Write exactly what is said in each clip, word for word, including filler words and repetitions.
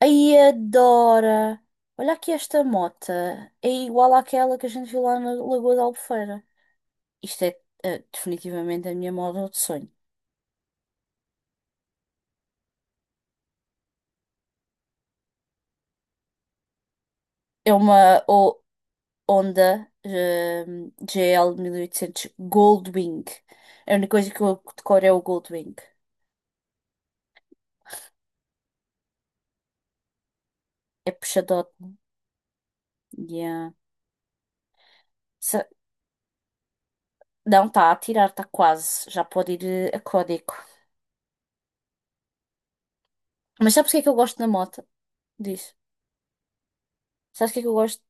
Ai, adora! Olha aqui esta mota. É igual àquela que a gente viu lá na Lagoa da Albufeira. Isto é, eh, definitivamente a minha moto de sonho. É uma o- Honda eh, G L mil e oitocentos Goldwing. A única coisa que eu decoro é o Goldwing. É puxadote. Yeah. Se- Não, está a tirar, está quase. Já pode ir eh, a código. Mas sabes o que é que eu gosto na moto? Diz. Sabes o que é que eu gosto?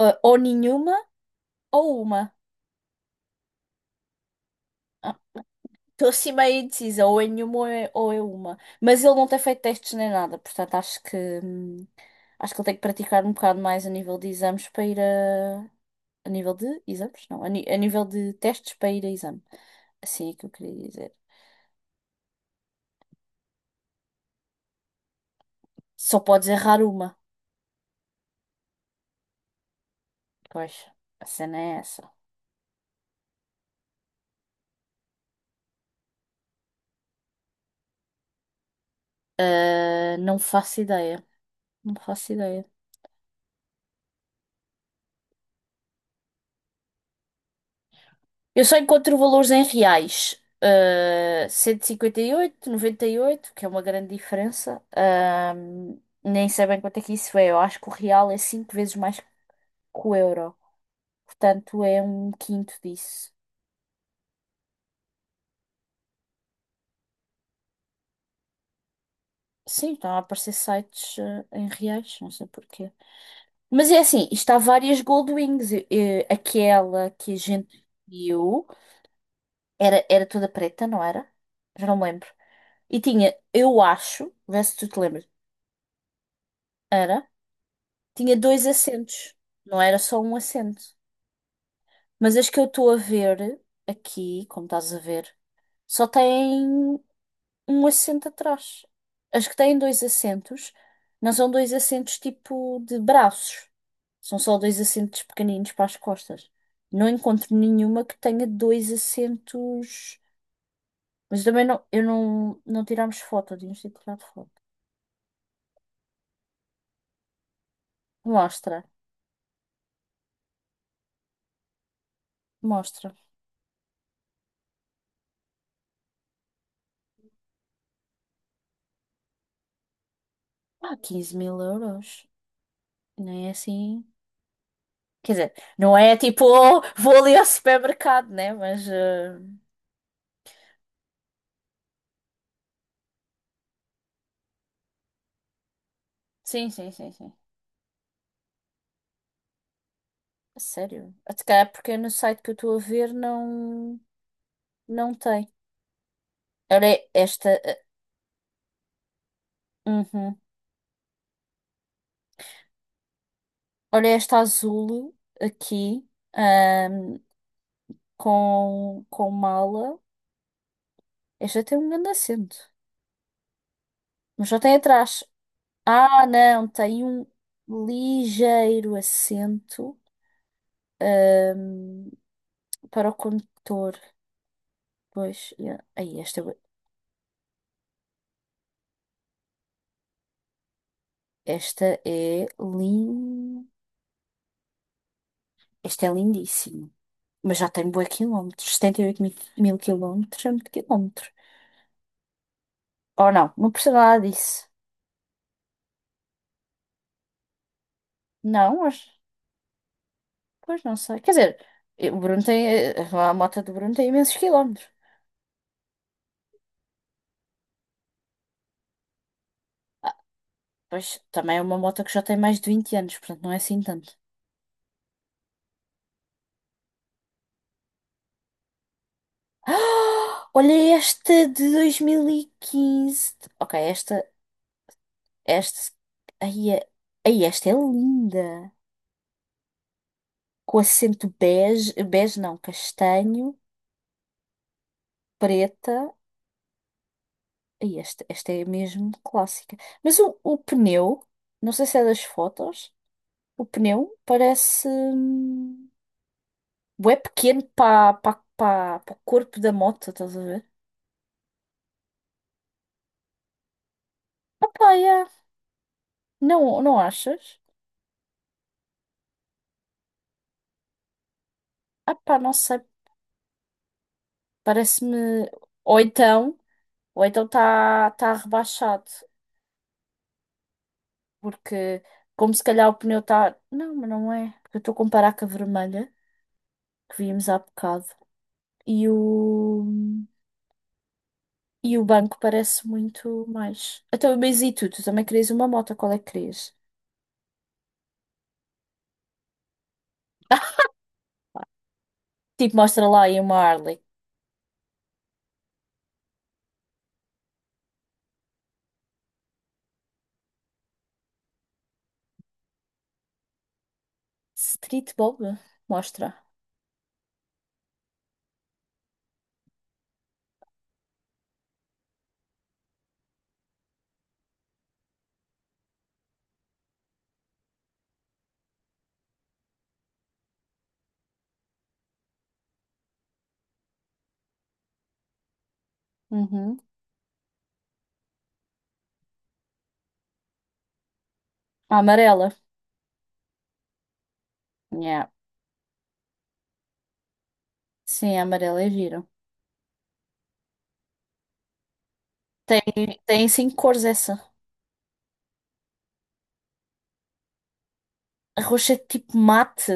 Eh, ou nenhuma ou uma. Estou assim meio indecisa, ou é nenhuma ou é, ou é uma. Mas ele não tem feito testes nem nada, portanto acho que hum, acho que ele tem que praticar um bocado mais a nível de exames para ir a. A nível de exames? Não, a, ni- a nível de testes para ir a exame. Assim é que eu queria dizer. Só podes errar uma. Pois, a cena é essa. Ah, não faço ideia. Não faço ideia. Eu só encontro valores em reais. Uh, cento e cinquenta e oito, noventa e oito, que é uma grande diferença. Um, nem sei bem quanto é que isso é. Eu acho que o real é cinco vezes mais que o euro. Portanto, é um quinto disso. Sim, estão a aparecer sites uh, em reais, não sei porquê. Mas é assim, isto há várias Goldwings. Eh, eh, aquela que a gente viu era, era toda preta, não era? Já não me lembro. E tinha, eu acho, vê se tu te lembras. Era Tinha dois assentos, não era só um assento. Mas as que eu estou a ver aqui, como estás a ver, só têm um assento atrás. As que têm dois assentos não são dois assentos tipo de braços, são só dois assentos pequeninos para as costas. Não encontro nenhuma que tenha dois assentos. Mas também não, eu não, não tirámos foto, devíamos ter tirado foto. Mostra, mostra. Ah, quinze mil euros. Nem é assim. Quer dizer, não é tipo, oh, vou ali ao supermercado, né? Mas. eh, Sim, sim, sim, sim. A sério. Até cá, porque no site que eu estou a ver não. Não tem. Olha esta. Eh, uhum. Olha esta azul aqui. ahm, com, com mala. Esta tem um grande acento. Mas só tem atrás. Ah, não. Tem um ligeiro acento. ahm, Para o condutor. Pois. Yeah. Aí, esta. Esta é lin... Esta é lindíssima. Mas já tem bué quilómetros. setenta e oito mil, mil quilómetros é muito quilómetro. Ou não, não precisa nada disso. Não, mas... Pois não sei. Quer dizer, eh, o Bruno tem... eh, a moto do Bruno tem imensos quilómetros. Ah, pois, também é uma moto que já tem mais de vinte anos. Portanto, não é assim tanto. Ah, olha esta de dois mil e quinze. Ok, esta... Esta... Ai, é- ai, esta é linda. Com acento bege, bege não, castanho, preta. E esta, esta é mesmo clássica. Mas o, o pneu, não sei se é das fotos, o pneu parece hum, bué pequeno para para o corpo da moto, estás a ver? Ah pá, yeah. Não, não achas? Ah pá, não sei, parece-me... Ou então, ou então está tá tá rebaixado, porque como se calhar o pneu está... Não, mas não é, porque eu estou a comparar com a vermelha que vimos há bocado. E o, e o banco parece muito mais. Então, mas e tu? Tu também querias uma moto, qual é que querias? Tipo, mostra lá aí uma Harley. Street Bob? Mostra. Uhum. A amarela. Yeah. Sim, a amarela é gira. Tem, tem cinco cores essa. A roxa é tipo mate.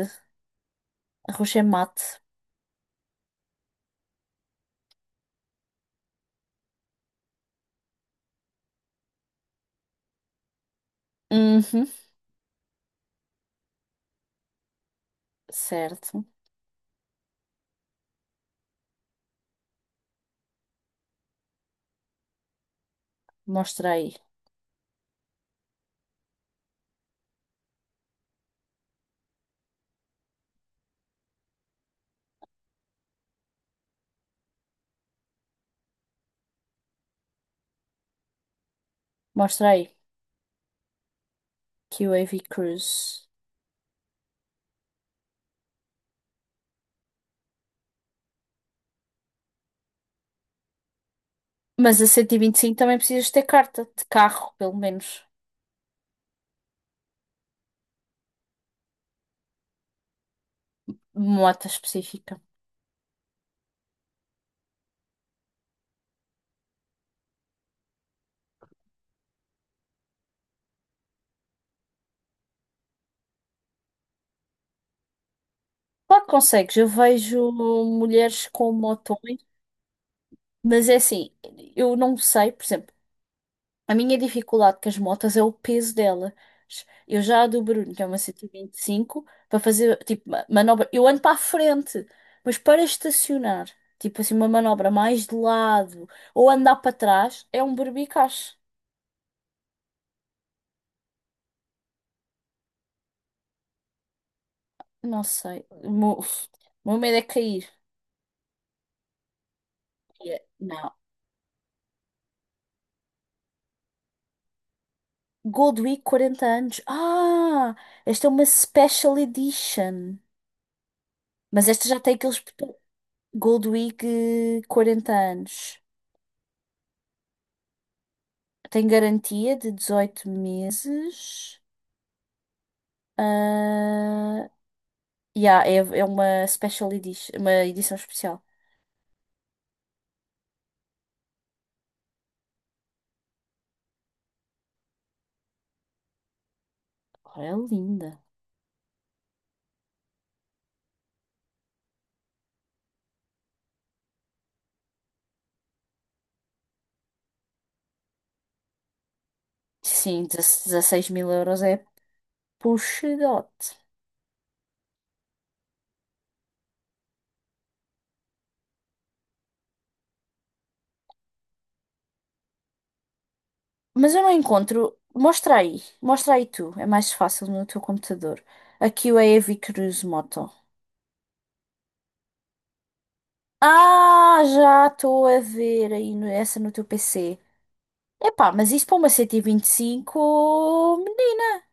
A roxa é mate. Uhum. Certo. Mostra aí. Mostra aí. Q A V Cruise. Mas a cento e vinte e cinco também precisas ter carta de carro, pelo menos. Moto específica. Claro que consegues. Eu vejo mulheres com motões, mas é assim, eu não sei, por exemplo, a minha dificuldade com as motas é o peso delas. Eu já a do Bruno, que é uma cento e vinte e cinco, para fazer, tipo, ma- manobra. Eu ando para a frente, mas para estacionar, tipo assim, uma manobra mais de lado ou andar para trás, é um berbicacho. Não sei. O meu, o meu medo é cair. Yeah. Não. Gold Week quarenta anos. Ah, esta é uma special edition. Mas esta já tem aqueles botões. Gold Week eh, quarenta anos. Tem garantia de dezoito meses. Ah, yeah, é, é uma special edition, uma edição especial. Ora, é linda. Sim, dezasseis mil euros é puxadote. Mas eu não encontro. Mostra aí. Mostra aí tu. É mais fácil no teu computador. Aqui o Heavy Cruise Moto. Ah, já estou a ver aí no- essa no teu P C. Epá, mas isso para uma C T vinte e cinco, menina.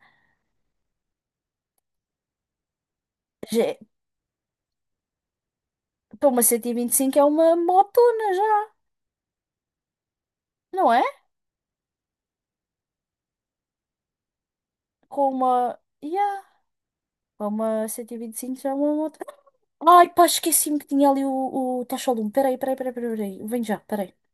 já- Para uma C T vinte e cinco é uma motona já, não é? Com uma. Yeah. Para uma C T vinte e cinco já é uma moto. Ai, pá, esqueci-me que tinha ali o, o tacho de um. Peraí, peraí, peraí, peraí. Peraí. Vem já, peraí.